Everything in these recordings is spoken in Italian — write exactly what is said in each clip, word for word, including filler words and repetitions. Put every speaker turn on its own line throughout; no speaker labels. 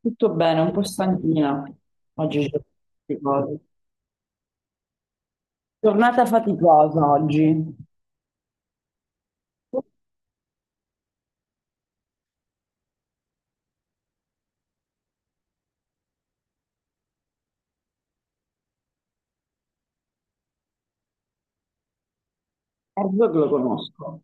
Tutto bene, un po' stanchina oggi. C'è queste cose. Giornata faticosa oggi. Erzo che lo conosco,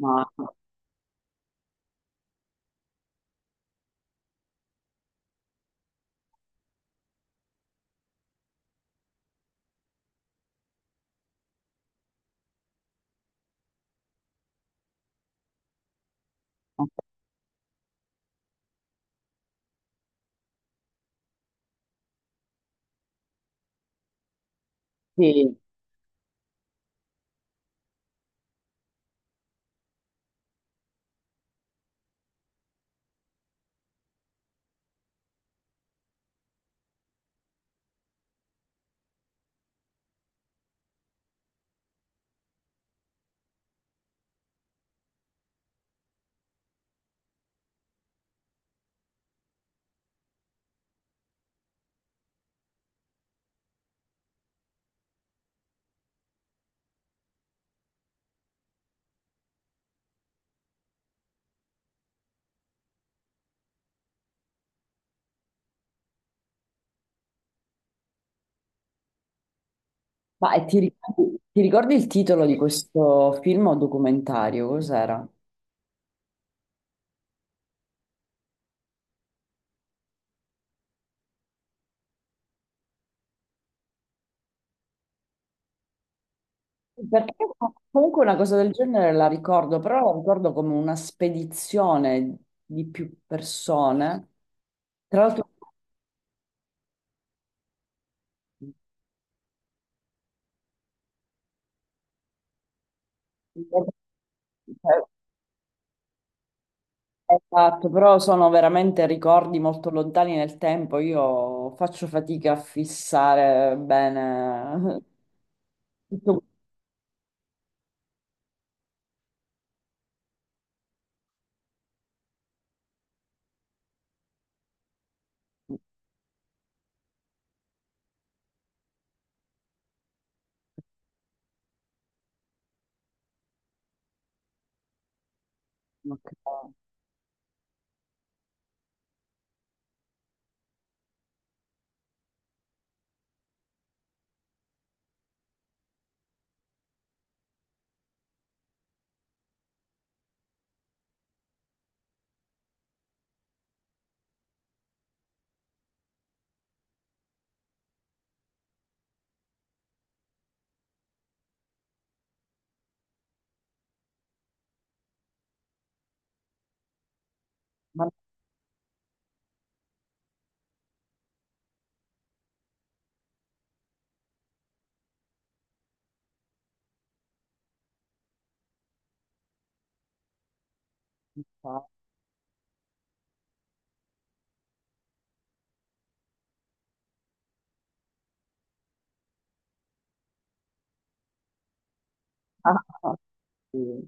ma, ma sì. Ma e ti ricordi, ti ricordi il titolo di questo film o documentario? Cos'era? Perché comunque una cosa del genere la ricordo, però la ricordo come una spedizione di più persone. Tra l'altro, esatto, però sono veramente ricordi molto lontani nel tempo. Io faccio fatica a fissare bene tutto questo. Ma non so. Ah, sì.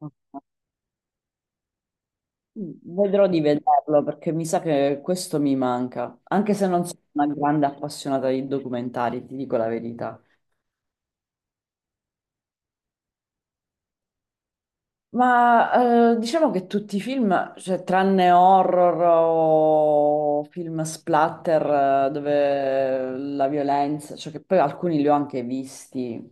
Vedrò di vederlo perché mi sa che questo mi manca, anche se non sono una grande appassionata di documentari, ti dico la verità. Ma eh, diciamo che tutti i film, cioè tranne horror o film splatter eh, dove la violenza, cioè che poi alcuni li ho anche visti,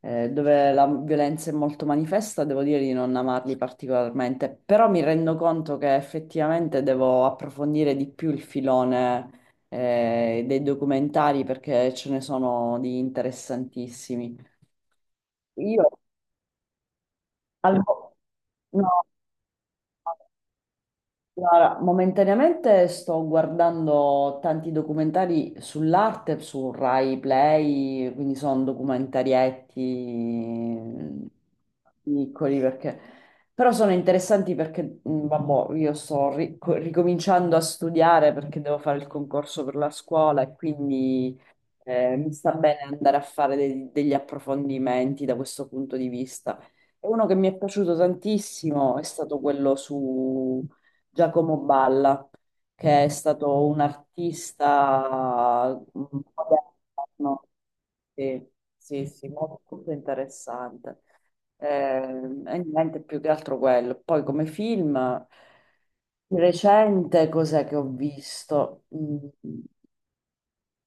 eh, dove la violenza è molto manifesta, devo dire di non amarli particolarmente, però mi rendo conto che effettivamente devo approfondire di più il filone eh, dei documentari perché ce ne sono di interessantissimi. Io al... no. Guarda, momentaneamente sto guardando tanti documentari sull'arte su Rai Play, quindi sono documentarietti mm, piccoli perché... però sono interessanti perché, mm, vabbò, io sto ri- co- ricominciando a studiare perché devo fare il concorso per la scuola e quindi eh, mi sta bene andare a fare dei- degli approfondimenti da questo punto di vista. E uno che mi è piaciuto tantissimo è stato quello su Giacomo Balla, che è stato un artista mm, moderno. Sì, sì, sì, molto interessante. Eh, e niente più che altro quello. Poi come film di recente, cos'è che ho visto? Mm,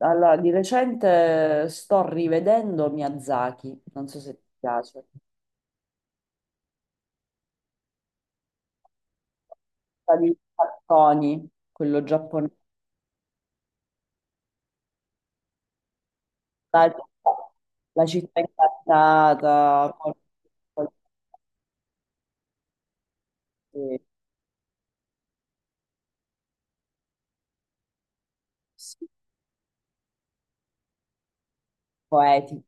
Allora, di recente sto rivedendo Miyazaki, non so se ti piace. Sta Di cartoni, quello giapponese. la, la città incantata, con- con- sì, sì, poetici,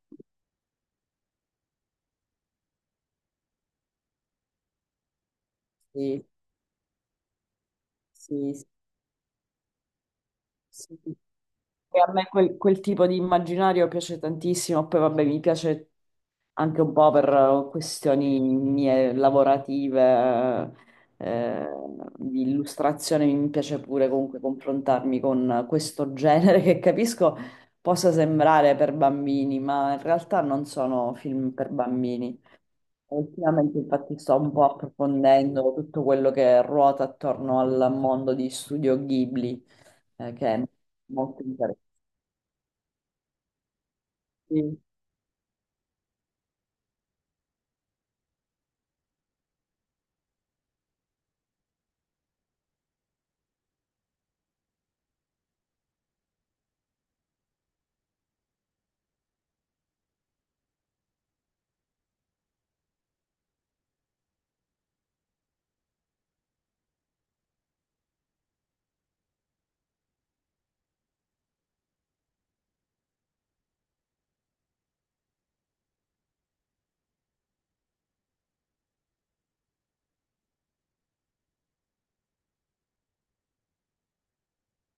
sì, sì, sì. Sì. E a me quel, quel tipo di immaginario piace tantissimo, poi vabbè mi piace anche un po' per eh, questioni mie lavorative, eh, di illustrazione, mi piace pure comunque confrontarmi con questo genere che capisco possa sembrare per bambini, ma in realtà non sono film per bambini. Ultimamente infatti sto un po' approfondendo tutto quello che ruota attorno al mondo di Studio Ghibli eh, che è molto interessante. Sì,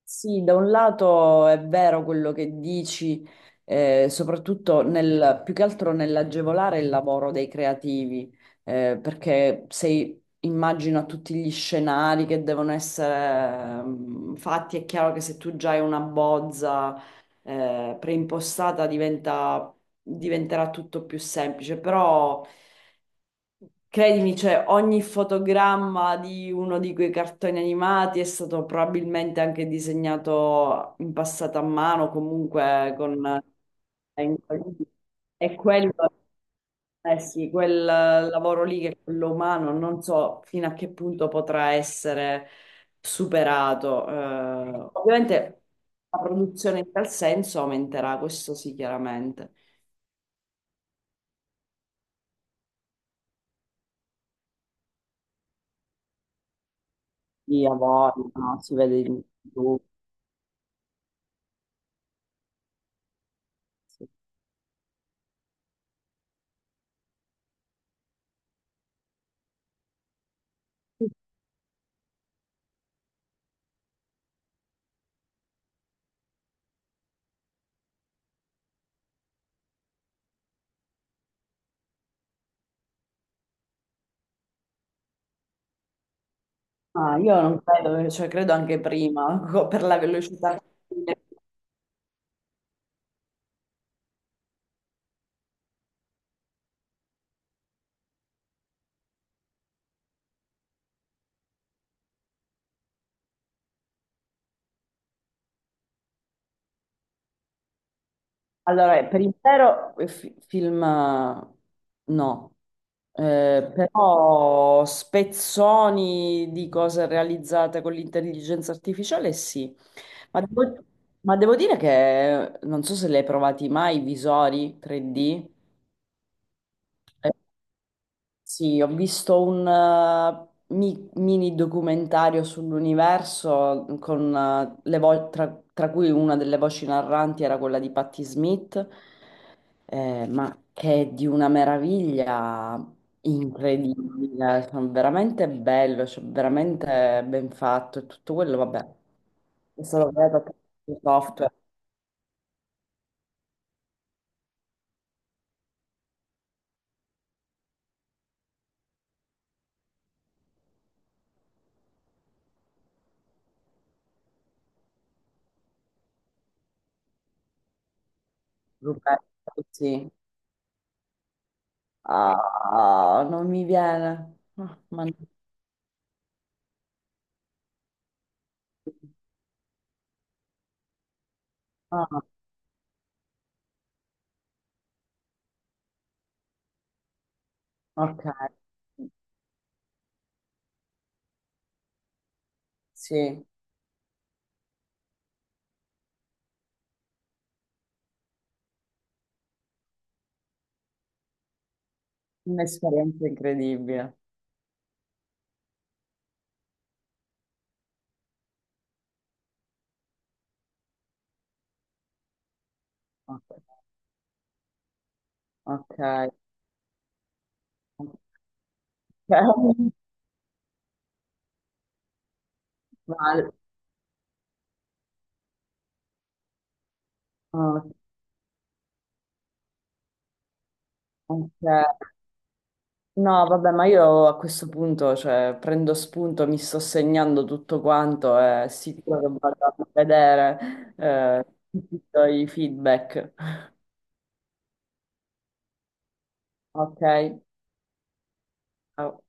sì, da un lato è vero quello che dici, eh, soprattutto nel, più che altro nell'agevolare il lavoro dei creativi, eh, perché se immagino a tutti gli scenari che devono essere mm, fatti, è chiaro che se tu già hai una bozza, eh, preimpostata diventa- diventerà tutto più semplice, però... Credimi, cioè, ogni fotogramma di uno di quei cartoni animati è stato probabilmente anche disegnato in passato a mano, comunque con... E quello, eh sì, quel lavoro lì che è quello umano, non so fino a che punto potrà essere superato. Eh, ovviamente la produzione in tal senso aumenterà, questo sì, chiaramente. Di lavoro, no? Si vede di tutto. Ah, io non credo, cioè credo anche prima, co- per la velocità. Allora, eh, per intero eh, fi- film eh, no. Eh, però spezzoni di cose realizzate con l'intelligenza artificiale sì, ma devo, ma devo dire che eh, non so se le hai provati mai, i visori tre D. Sì, ho visto un eh, mi- mini documentario sull'universo con eh, le vo- tra, tra cui una delle voci narranti era quella di Patti Smith, eh, ma che è di una meraviglia incredibile, cioè, veramente bello, cioè, veramente ben fatto e tutto quello, vabbè, è stato creato attraverso il software. Rupert, sì. Ah, non mi viene. Ah, mannaggia. Ok, sì, un'esperienza incredibile. Ok, ok. Ok. Ma- ok. No, vabbè, ma io a questo punto, cioè, prendo spunto, mi sto segnando tutto quanto e sicuro che vado a vedere eh, tutti i tuoi feedback. Ok, ciao.